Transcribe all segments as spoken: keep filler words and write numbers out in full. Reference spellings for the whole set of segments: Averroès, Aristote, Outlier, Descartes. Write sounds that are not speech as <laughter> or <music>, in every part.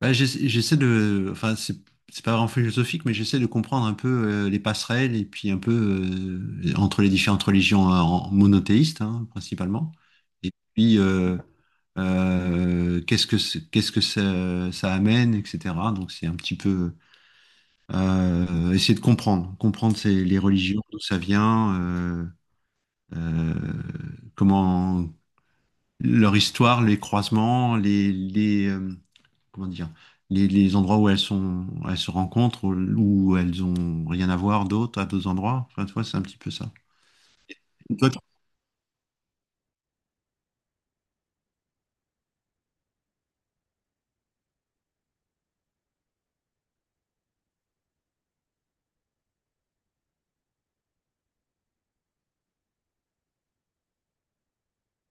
Bah, j'essa- j'essaie de, enfin, c'est c'est pas vraiment philosophique, mais j'essaie de comprendre un peu euh, les passerelles et puis un peu euh, entre les différentes religions, hein, en- monothéistes, hein, principalement. Et puis, euh, euh, qu'est-ce que c'est- qu'est-ce que ça, ça amène, et cetera. Donc, c'est un petit peu euh, essayer de comprendre, comprendre ces- les religions, d'où ça vient, euh, euh, comment leur histoire, les croisements, les, les, euh, comment dire, les, les endroits où elles sont, elles se rencontrent, où elles ont rien à voir d'autre à d'autres endroits. Enfin, tu vois, c'est un petit peu ça. Et toi, tu-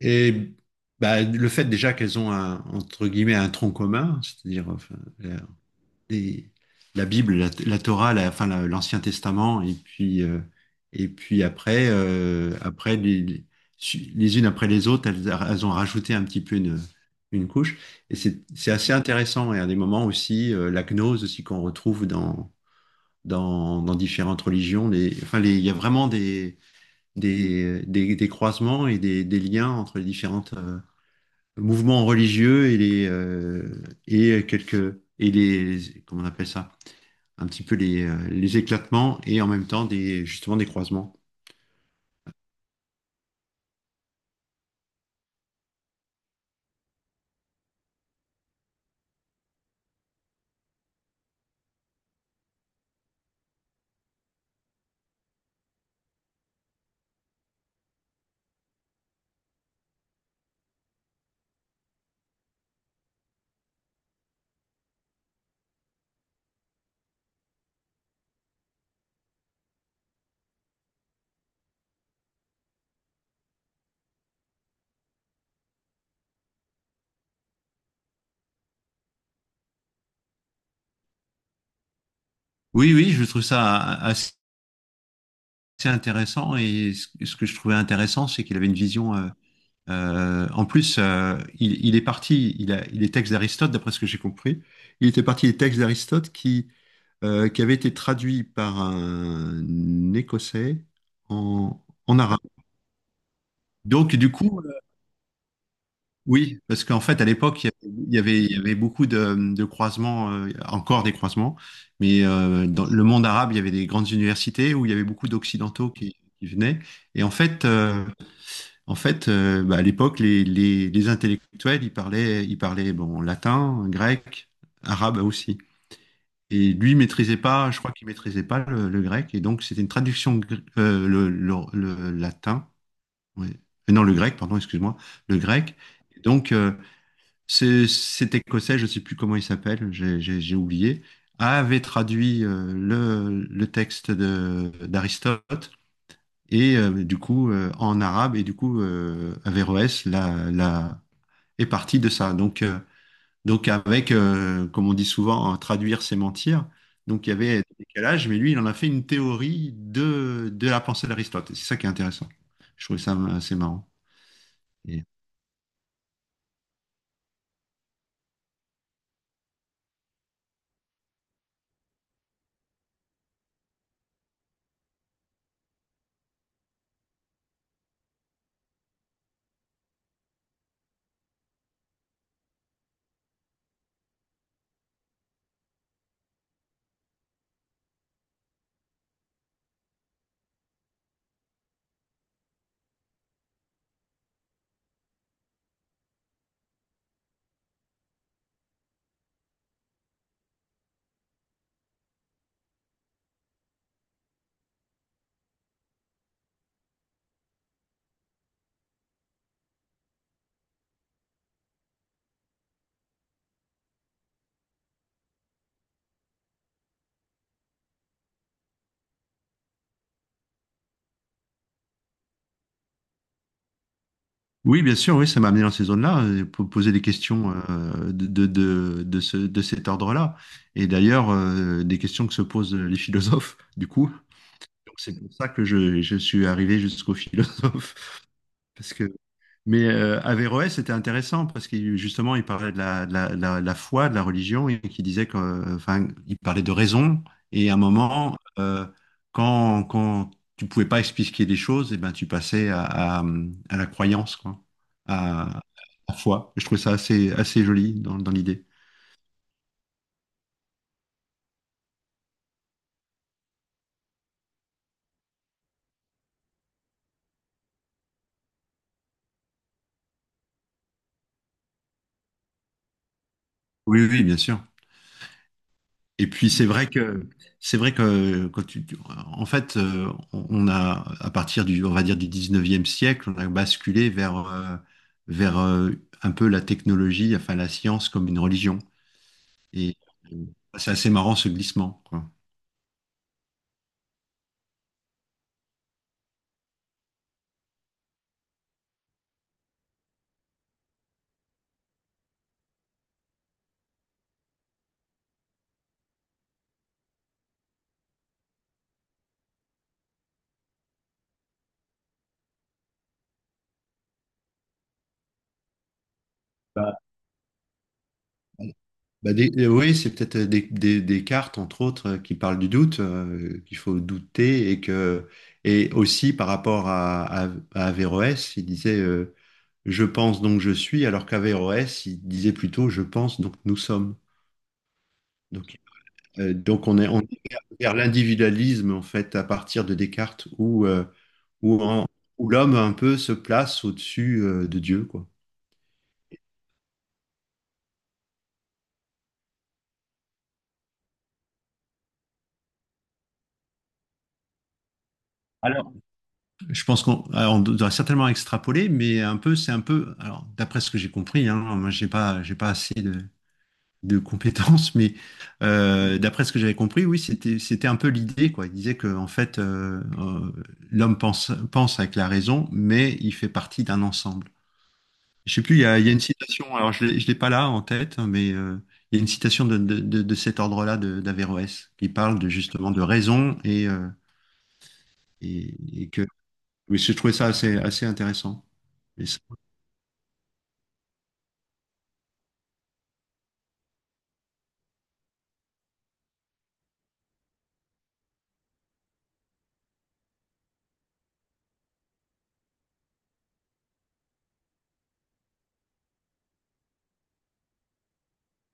et, bah, le fait déjà qu'elles ont un, entre guillemets, un tronc commun, c'est-à-dire, enfin, et la Bible, la, la Torah, la, enfin la- l'Ancien Testament, et puis euh, et puis après, euh, après les, les su- les unes après les autres, elles, elles ont rajouté un petit peu une une couche. Et c'est c'est assez intéressant. Et à des moments aussi, euh, la gnose aussi qu'on retrouve dans dans dans différentes religions. Les, enfin les, il y a vraiment des des des, des croisements et des des liens entre les différentes euh, mouvements religieux et les euh, et quelques et les, comment on appelle ça? Un petit peu les, euh, les éclatements et en même temps des, justement des croisements. Oui, oui, je trouve ça assez intéressant, et ce ce que je trouvais intéressant, c'est qu'il avait une vision. Euh, euh, en plus, euh, il, il est parti, il, a, il est texte d'Aristote, d'après ce que j'ai compris. Il était parti des textes d'Aristote qui, euh, qui avaient été traduits par un Écossais en, en arabe. Donc, du coup, oui, parce qu'en fait, à l'époque, il y avait, il y avait beaucoup de, de croisements, euh, encore des croisements, mais euh, dans le monde arabe, il y avait des grandes universités où il y avait beaucoup d'Occidentaux qui, qui venaient. Et en fait, euh, en fait euh, bah, à l'époque, les, les, les intellectuels, ils parlaient, ils parlaient, bon, latin, grec, arabe aussi. Et lui maîtrisait pas, je crois qu'il maîtrisait pas le, le grec, et donc c'était une traduction, gr- euh, le, le, le latin, ouais. Euh, non, le grec, pardon, excuse-moi, le grec. Et donc, euh, c'est- cet Écossais, je ne sais plus comment il s'appelle, j'ai j'ai- j'ai oublié, avait traduit euh, le, le texte de- d'Aristote et euh, du coup, euh, en arabe, et du coup, euh, Averroès la, la- est parti de ça. Donc, euh, donc avec, euh, comme on dit souvent, hein, traduire c'est mentir. Donc il y avait des décalages, mais lui il en a fait une théorie de, de la pensée d'Aristote. Et C'est ça qui est intéressant. Je trouvais ça euh, assez marrant. Oui, bien sûr, oui, ça m'a amené dans ces zones-là, euh, pour poser des questions euh, de, de, de, de ce- de cet ordre-là. Et d'ailleurs, euh, des questions que se posent les philosophes, du coup. Donc, C'est pour ça que je, je suis arrivé jusqu'aux philosophes. <laughs> parce que mais euh, Averroès, c'était intéressant parce que justement, il parlait de la, de la, de la, de la foi, de la religion, et qui disait que, euh, enfin, il parlait de raison. Et à un moment, euh, quand, quand tu pouvais pas expliquer des choses, et ben, tu passais à, à, à la croyance, quoi, à, à la foi. Je trouve ça assez, assez joli dans, dans l'idée. Oui, oui, bien sûr. Et puis c'est vrai que c'est vrai que quand tu, tu- en fait, euh, on on a, à partir du, on va dire, du dix-neuvième siècle, on a basculé vers euh, vers euh, un peu la technologie, enfin la science comme une religion. Et euh, c'est assez marrant, ce glissement, quoi. Bah, Bah, des- euh, oui, c'est peut-être euh, des, des- des cartes, entre autres, euh, qui parlent du doute, euh, qu'il faut douter, et que et aussi par rapport à, à, à Averroès, il disait euh, je pense donc je suis, alors qu'Averroès, il disait plutôt je pense donc nous sommes. Donc, euh, donc on est, on est vers vers l'individualisme, en fait, à partir de Descartes, où, euh, où, en- où l'homme un peu se place au-dessus, euh, de Dieu, quoi. Je pense qu'on on doit certainement extrapoler, mais un peu, c'est un peu. Alors, d'après ce que j'ai compris, hein, moi, j'ai pas, j'ai pas assez de, de compétences, mais euh, d'après ce que j'avais compris, oui, c'était, c'était un peu l'idée, quoi. Il disait que, en fait, euh, euh, l'homme pense, pense avec la raison, mais il fait partie d'un ensemble. Je sais plus, il y a, il y a une citation. Alors, je l'ai, je l'ai pas là en tête, hein, mais euh, il y a une citation de, de, de, de cet ordre-là de- d'Averroès qui parle de, justement de raison et, euh, et, et que. Mais je trouvais ça assez, assez intéressant. Et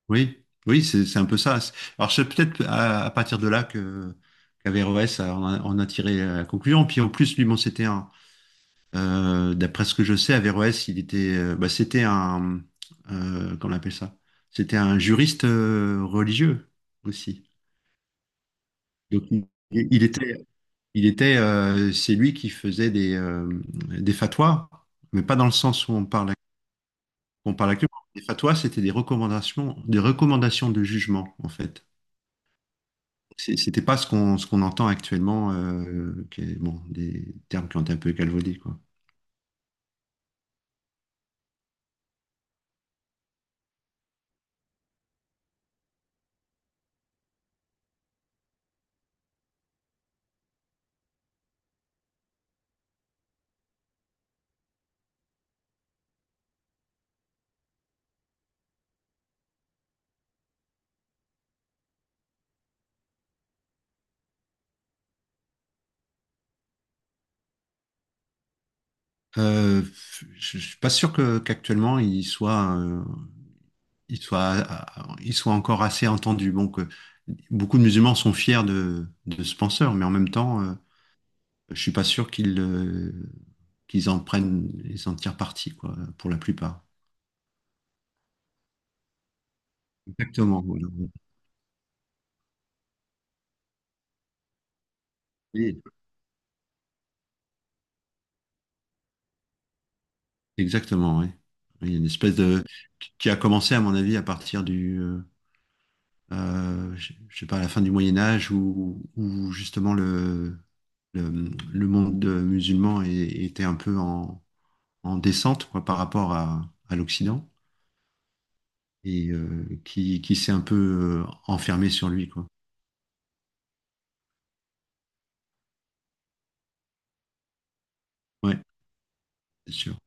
oui, oui, c'est c'est un peu ça. Alors c'est peut-être à, à partir de là que qu'Averroès a- en a, en a tiré la conclusion. Puis en plus, lui, mon CT1, euh, d'après ce que je sais, Averroès, il était, euh, bah, c'était un, euh, comment on appelle ça? C'était un juriste, euh, religieux aussi. Donc il, il était, il était, euh, c'est lui qui faisait des euh, des fatwas, mais pas dans le sens où on parle, on parle actuellement. Les fatwas, c'était des recommandations, des recommandations de jugement, en fait. c'est- C'était pas ce qu'on ce qu'on entend actuellement, euh, qui est- bon, des termes qui ont été un peu galvaudés, quoi. Euh, je, je suis pas sûr que qu'actuellement il soit euh, il soit euh, il soit encore assez entendu. Bon, que beaucoup de musulmans sont fiers de de ce penseur, mais en même temps, euh, je suis pas sûr qu'ils euh, qu'ils en prennent, ils en tirent parti, quoi, pour la plupart. Exactement. voilà. Et- Exactement, oui. Il y a une espèce de qui a commencé, à mon avis, à partir du, euh, euh, je je sais pas, à la fin du Moyen Âge, où, où justement le, le, le monde, euh, musulman é- était un peu en, en descente, quoi, par rapport à, à l'Occident, et euh, qui, qui s'est un peu euh, enfermé sur lui, quoi. Ouais, c'est sûr.